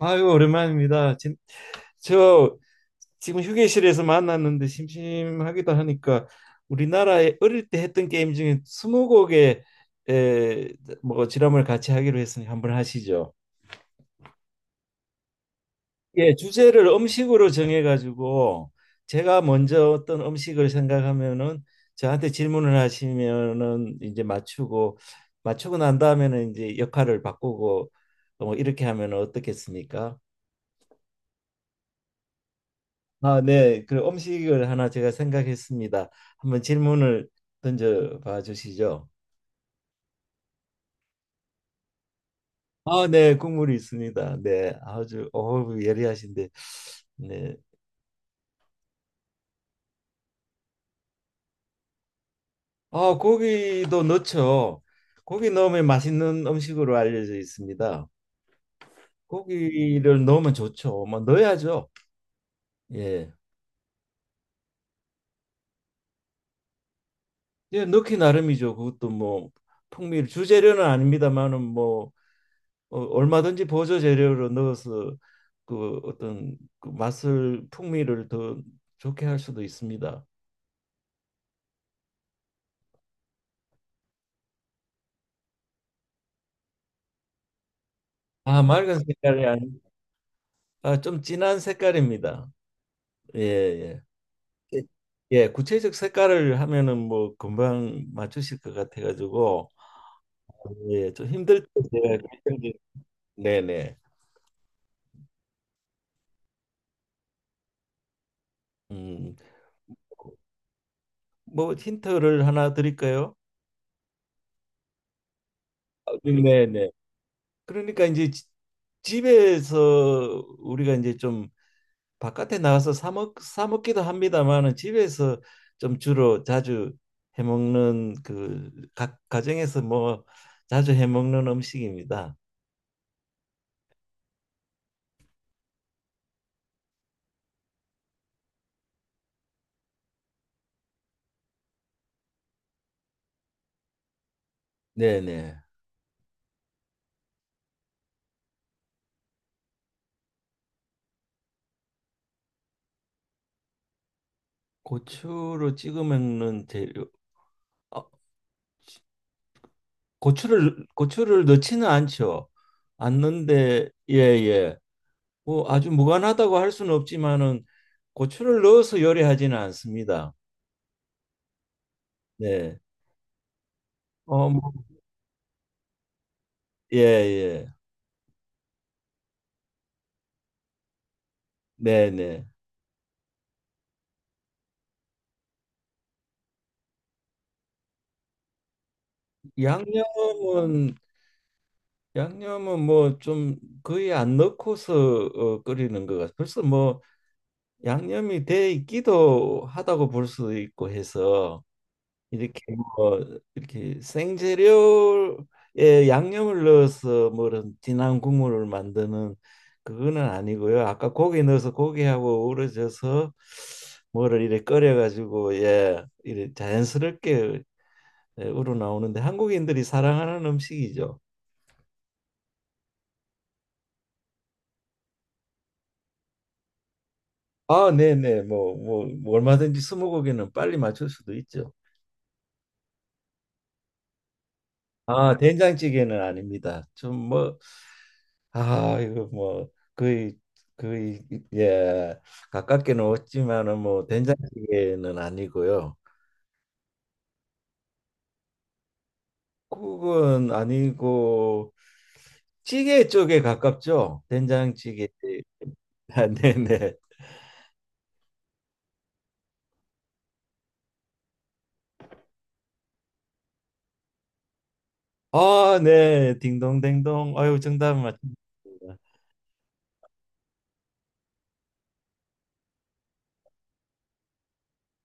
아유, 오랜만입니다. 진, 저 지금 휴게실에서 만났는데 심심하기도 하니까 우리나라에 어릴 때 했던 게임 중에 스무고개 에, 뭐 지람을 같이 하기로 했으니 한번 하시죠. 예, 주제를 음식으로 정해가지고 제가 먼저 어떤 음식을 생각하면은 저한테 질문을 하시면은 이제 맞추고, 맞추고 난 다음에는 이제 역할을 바꾸고 뭐 이렇게 하면 어떻겠습니까? 아, 네. 그 음식을 하나 제가 생각했습니다. 한번 질문을 던져 봐 주시죠. 아, 네. 국물이 있습니다. 네. 아주 어우 예리하신데. 네. 아, 고기도 넣죠. 고기 넣으면 맛있는 음식으로 알려져 있습니다. 고기를 넣으면 좋죠. 뭐 넣어야죠. 예. 예, 넣기 나름이죠. 그것도 뭐 풍미를 주재료는 아닙니다만은 뭐 얼마든지 보조 재료를 넣어서 그 어떤 그 맛을 풍미를 더 좋게 할 수도 있습니다. 아, 맑은 색깔이 아니, 아, 좀 진한 색깔입니다. 예, 예. 예, 예, 구체적 색깔을 하면은 뭐 금방 맞추실 것 같아가지고 예, 좀 힘들 때 제가 결정적- 네네. 음, 뭐 힌트를 하나 드릴까요? 아, 네네. 그러니까 이제 집에서 우리가 이제 좀 바깥에 나가서 사 먹기도 합니다만은 집에서 좀 주로 자주 해 먹는 그 가정에서 뭐 자주 해 먹는 음식입니다. 네네. 고추로 찍어 먹는 재료. 어, 고추를 넣지는 않죠. 않는데 예 예. 뭐 아주 무관하다고 할 수는 없지만은 고추를 넣어서 요리하지는 않습니다. 네. 어, 뭐, 예, 예. 네, 네. 양념은 양념은 뭐 좀 거의 안 넣고서 끓이는 것 같아요. 벌써 뭐 양념이 돼 있기도 하다고 볼 수 있고 해서 이렇게 뭐 이렇게 생재료에 양념을 넣어서 뭐 이런 진한 국물을 만드는 그거는 아니고요. 아까 고기 넣어서 고기하고 우러져서 뭐를 이렇게 끓여가지고 예, 이렇게 자연스럽게 예, 우러나오는데 한국인들이 사랑하는 음식이죠. 아, 네네. 뭐 얼마든지 스무고개는 빨리 맞출 수도 있죠. 아, 된장찌개는 아닙니다. 좀 뭐, 아, 이거 뭐 거의, 거의 예 가깝게는 없지만은 뭐 된장찌개는 아니고요. 국은 아니고 찌개 쪽에 가깝죠. 된장찌개. 아, 네네. 아, 네. 딩동댕동. 아유, 정답 맞습니다.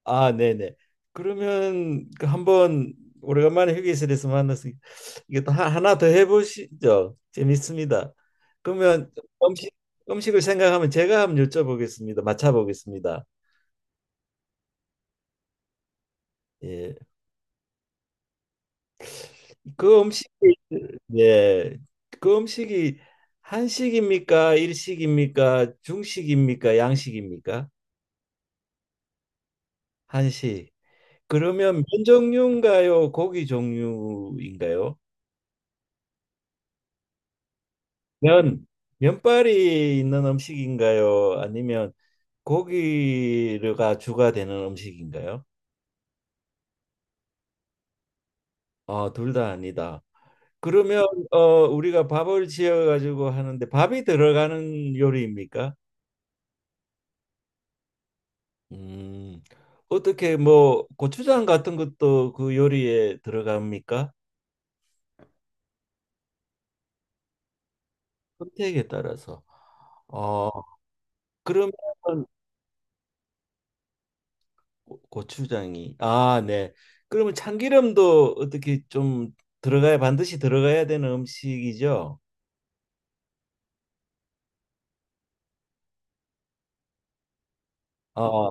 아, 네네. 그러면 그 한번 오래간만에 휴게실에서 만나서 이게 또 하나 더 해보시죠. 재밌습니다. 그러면 음식 음식을 생각하면 제가 한번 여쭤보겠습니다. 맞춰보겠습니다. 예, 그 음식이 예, 그 음식이 한식입니까? 일식입니까? 중식입니까? 양식입니까? 한식. 그러면 면 종류인가요? 고기 종류인가요? 면, 면발이 있는 음식인가요? 아니면 고기가 주가 되는 음식인가요? 아, 둘 다 아니다. 그러면 어, 우리가 밥을 지어 가지고 하는데 밥이 들어가는 요리입니까? 음, 어떻게 뭐 고추장 같은 것도 그 요리에 들어갑니까? 선택에 따라서. 어, 그러면 고추장이 아, 네. 그러면 참기름도 어떻게 좀 들어가야, 반드시 들어가야 되는 음식이죠? 아,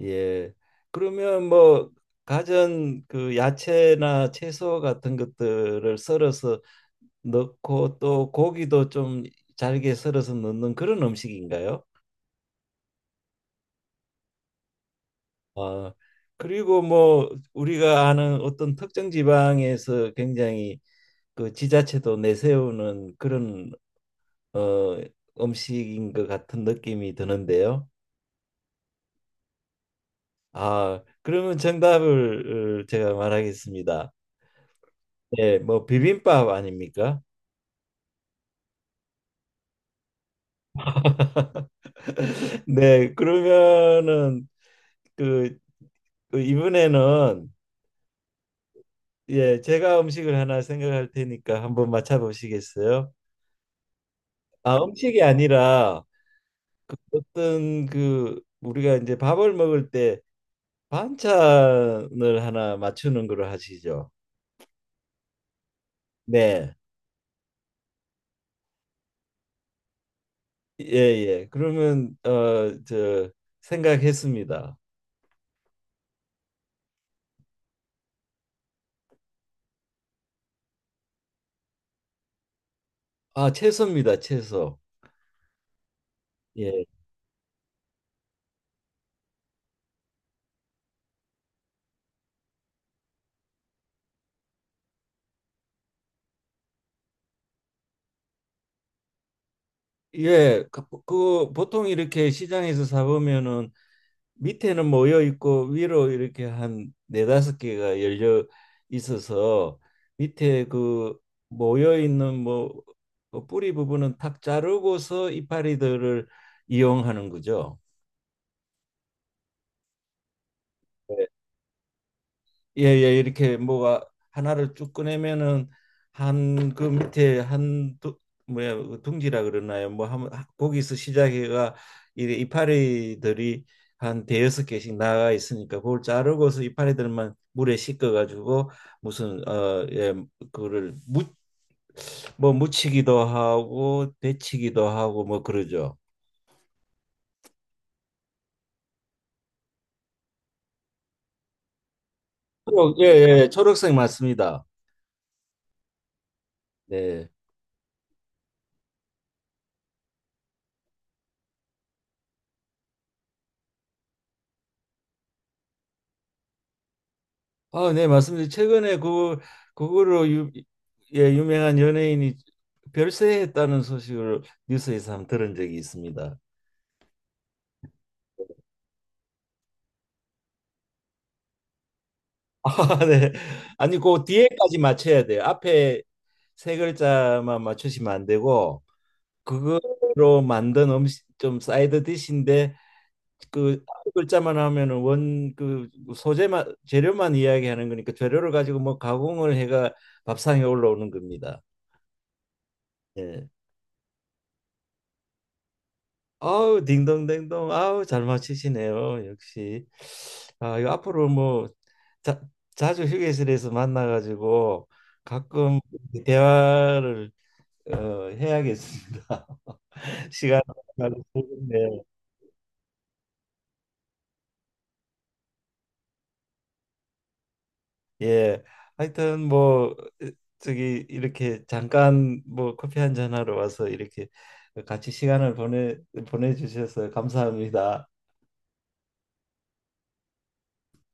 예. 그러면 뭐 가전 그 야채나 채소 같은 것들을 썰어서 넣고 또 고기도 좀 잘게 썰어서 넣는 그런 음식인가요? 아, 그리고 뭐 우리가 아는 어떤 특정 지방에서 굉장히 그 지자체도 내세우는 그런 어, 음식인 것 같은 느낌이 드는데요. 아, 그러면 정답을 제가 말하겠습니다. 네, 뭐 비빔밥 아닙니까? 네, 그러면은 그, 이번에는 예, 제가 음식을 하나 생각할 테니까 한번 맞춰보시겠어요? 아, 음식이 아니라 그 어떤 그 우리가 이제 밥을 먹을 때 반찬을 하나 맞추는 걸로 하시죠. 네. 예예. 그러면 저 생각했습니다. 아 채소입니다. 채소. 예. 예. 그 보통 이렇게 시장에서 사 보면은 밑에는 모여 있고 위로 이렇게 한 네다섯 개가 열려 있어서 밑에 그 모여 있는 뭐그 뿌리 부분은 탁 자르고서 이파리들을 이용하는 거죠. 예예, 이렇게 뭐가 하나를 쭉 꺼내면은 한 그 밑에 한 두, 뭐야 그 둥지라 그러나요? 뭐 한, 거기서 시작해가 이래 이파리들이 한 대여섯 개씩 나가 있으니까 그걸 자르고서 이파리들만 물에 씻겨 가지고 무슨 어예 그거를 무뭐 묻히기도 하고 데치기도 하고 뭐 그러죠. 예, 예, 초록색 맞습니다. 네. 아, 네, 맞습니다. 최근에 그 그거로 예, 유명한 연예인이 별세했다는 소식을 뉴스에서 한번 들은 적이 있습니다. 아, 네. 아니, 그 뒤에까지 맞춰야 돼요. 앞에 세 글자만 맞추시면 안 되고 그거로 만든 음식 좀 사이드 디시인데 그 앞에 글자만 하면은 원 그 소재만 재료만 이야기하는 거니까 재료를 가지고 뭐 가공을 해가 밥상에 올라오는 겁니다. 예. 아우, 딩동댕동. 아우, 잘 맞히시네요, 역시. 아 이거 앞으로 뭐 자, 자주 휴게실에서 만나가지고 가끔 대화를 해야겠습니다. 시간 가지고 좋겠네요. 예, 하여튼 뭐 저기 이렇게 잠깐 뭐 커피 한 잔 하러 와서 이렇게 같이 시간을 보내주셔서 감사합니다.